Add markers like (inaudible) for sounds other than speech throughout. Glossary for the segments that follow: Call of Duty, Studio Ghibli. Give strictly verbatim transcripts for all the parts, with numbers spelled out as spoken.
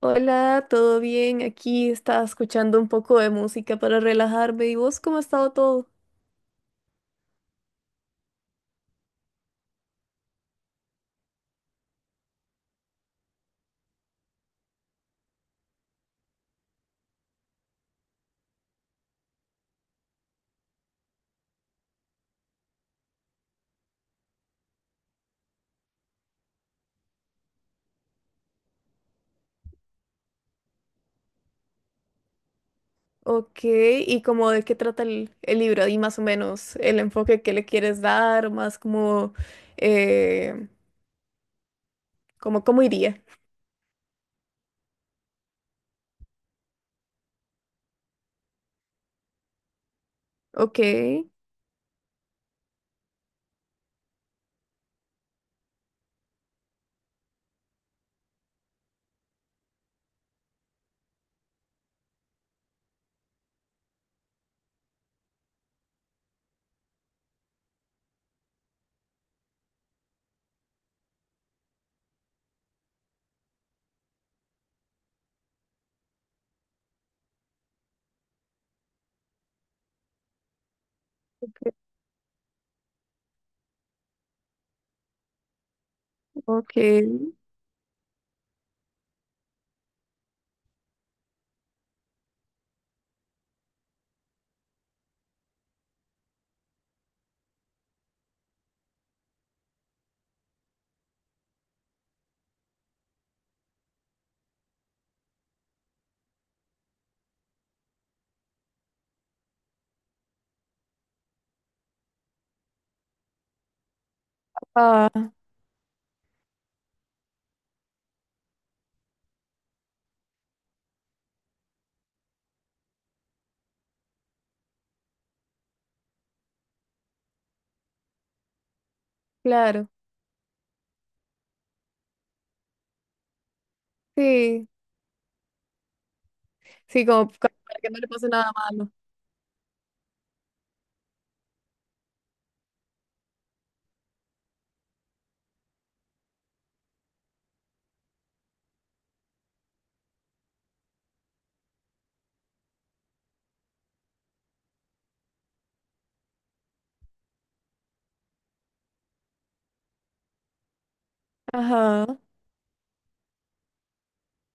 Hola, ¿todo bien? Aquí estaba escuchando un poco de música para relajarme. ¿Y vos cómo ha estado todo? Ok, ¿y cómo de qué trata el, el libro? Y más o menos el enfoque que le quieres dar, más como, eh, como cómo iría. Ok, ok. Ah, claro. Sí, sí, como para que no le pase nada malo. Ajá.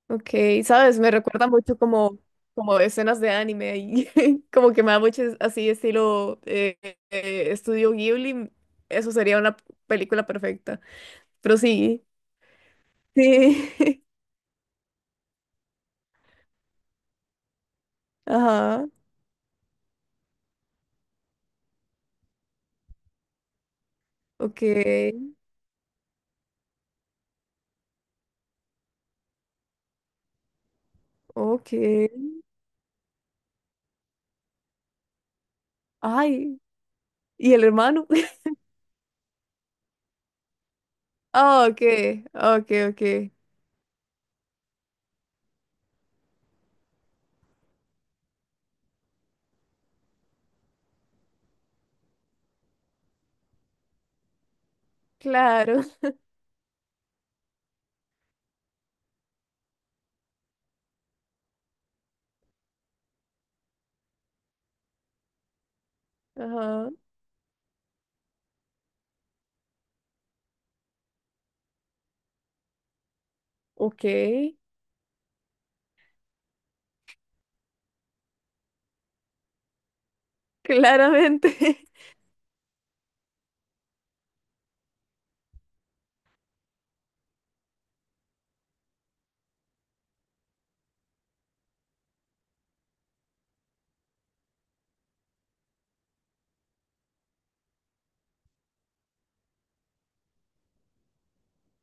Ok, sabes, me recuerda mucho como, como escenas de anime y (laughs) como que me da mucho así estilo eh, eh, estudio Ghibli, eso sería una película perfecta. Pero sí, sí, (laughs) ajá, ok, ok, ay, ¿y el hermano? (laughs) Ah, ok, ok, ok, claro, ajá, ok, claramente,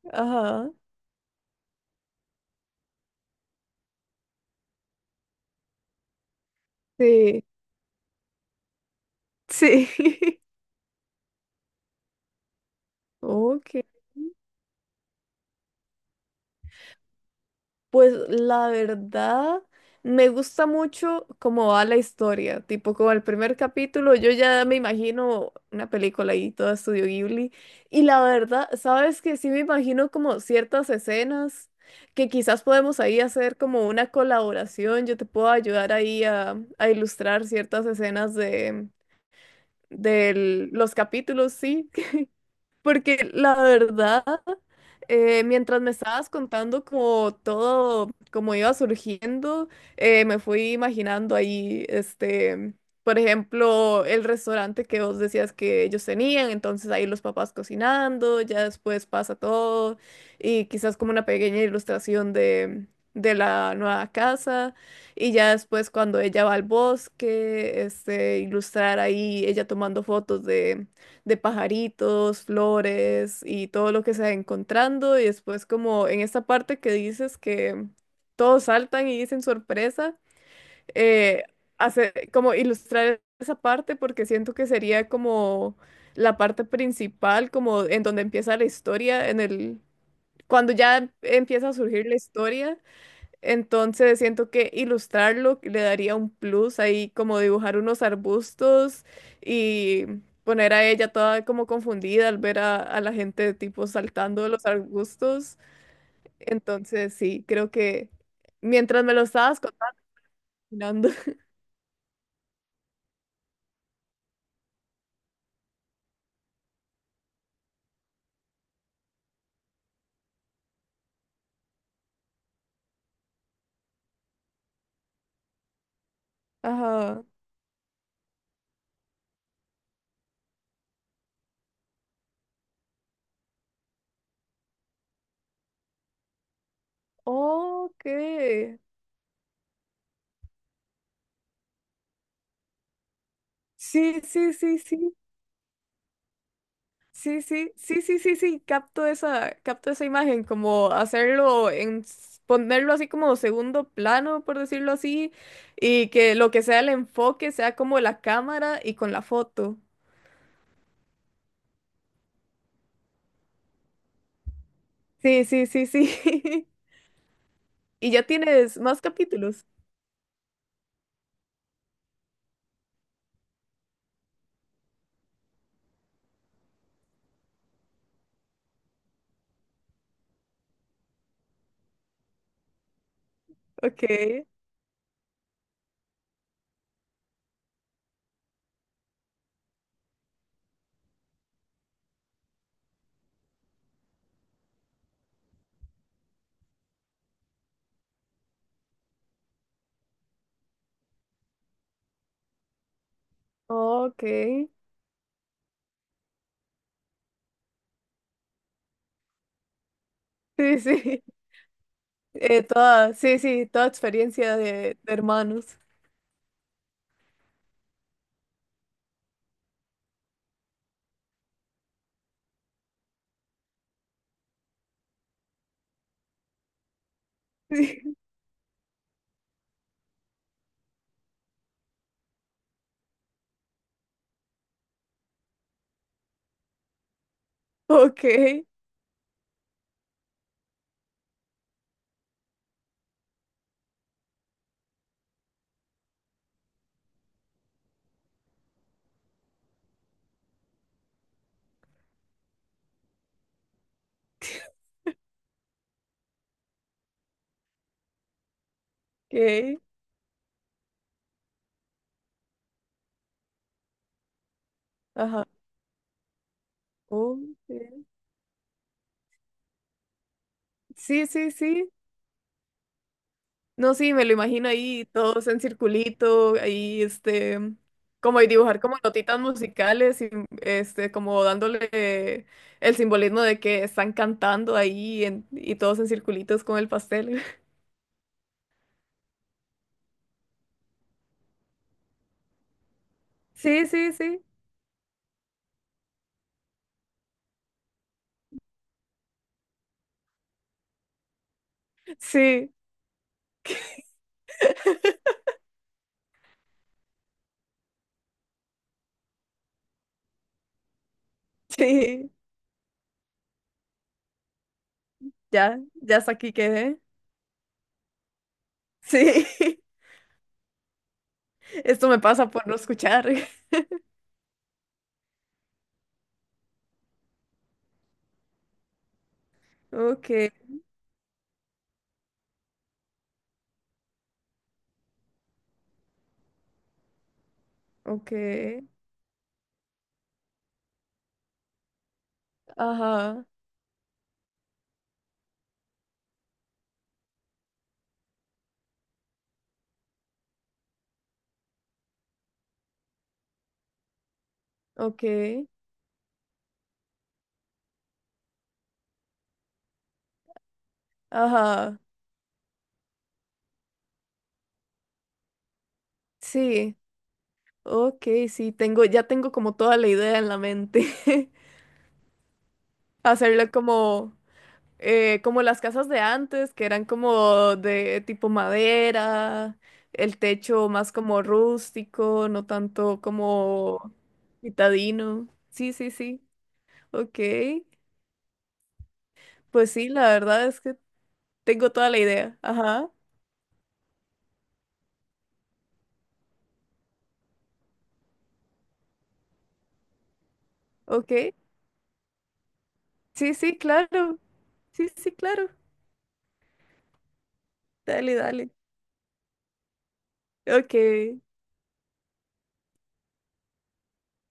(laughs) ajá, sí, sí, (laughs) ok. Pues la verdad, me gusta mucho cómo va la historia, tipo como el primer capítulo, yo ya me imagino una película ahí, todo Estudio Ghibli, y la verdad, sabes que sí me imagino como ciertas escenas que quizás podemos ahí hacer como una colaboración, yo te puedo ayudar ahí a, a ilustrar ciertas escenas de, de los capítulos, sí. Porque la verdad, eh, mientras me estabas contando como todo, como iba surgiendo, eh, me fui imaginando ahí, este, por ejemplo, el restaurante que vos decías que ellos tenían, entonces ahí los papás cocinando, ya después pasa todo, y quizás como una pequeña ilustración de, de la nueva casa, y ya después cuando ella va al bosque, este, ilustrar ahí ella tomando fotos de de pajaritos, flores y todo lo que se va encontrando. Y después como en esta parte que dices que todos saltan y dicen sorpresa, eh, hacer, como ilustrar esa parte porque siento que sería como la parte principal, como en donde empieza la historia, en el, cuando ya empieza a surgir la historia. Entonces siento que ilustrarlo le daría un plus ahí, como dibujar unos arbustos y poner a ella toda como confundida al ver a, a la gente tipo saltando de los arbustos. Entonces sí, creo que mientras me lo estabas contando. (laughs) Ajá. Ok. Sí, sí, sí, sí. Sí, sí, sí, sí, sí, sí, capto esa, capto esa imagen, como hacerlo en, s- ponerlo así como segundo plano, por decirlo así, y que lo que sea el enfoque sea como la cámara y con la foto. Sí, sí, sí, sí. (laughs) Y ya tienes más capítulos. Ok, ok. Sí, sí. Eh, toda, sí, sí, toda experiencia de, de hermanos. (laughs) Sí. Ok, ok. Ajá. Oh, sí, sí, sí, sí. No, sí, me lo imagino ahí todos en circulito, ahí este, como y dibujar como notitas musicales y este, como dándole el simbolismo de que están cantando ahí en- y todos en circulitos con el pastel. (laughs) Sí, sí, sí, sí, sí, ya, ya hasta aquí quedé. Sí, (laughs) esto me pasa por no escuchar. (laughs) Ok, ok, ajá, ok, ajá, sí. Ok, sí, tengo, ya tengo como toda la idea en la mente. (laughs) Hacerlo como, eh, como las casas de antes, que eran como de tipo madera, el techo más como rústico, no tanto como citadino. Sí, sí, sí. Ok. Pues sí, la verdad es que tengo toda la idea. Ajá. Ok. Sí, sí, claro. Sí, sí, sí, claro. Dale, dale. Ok.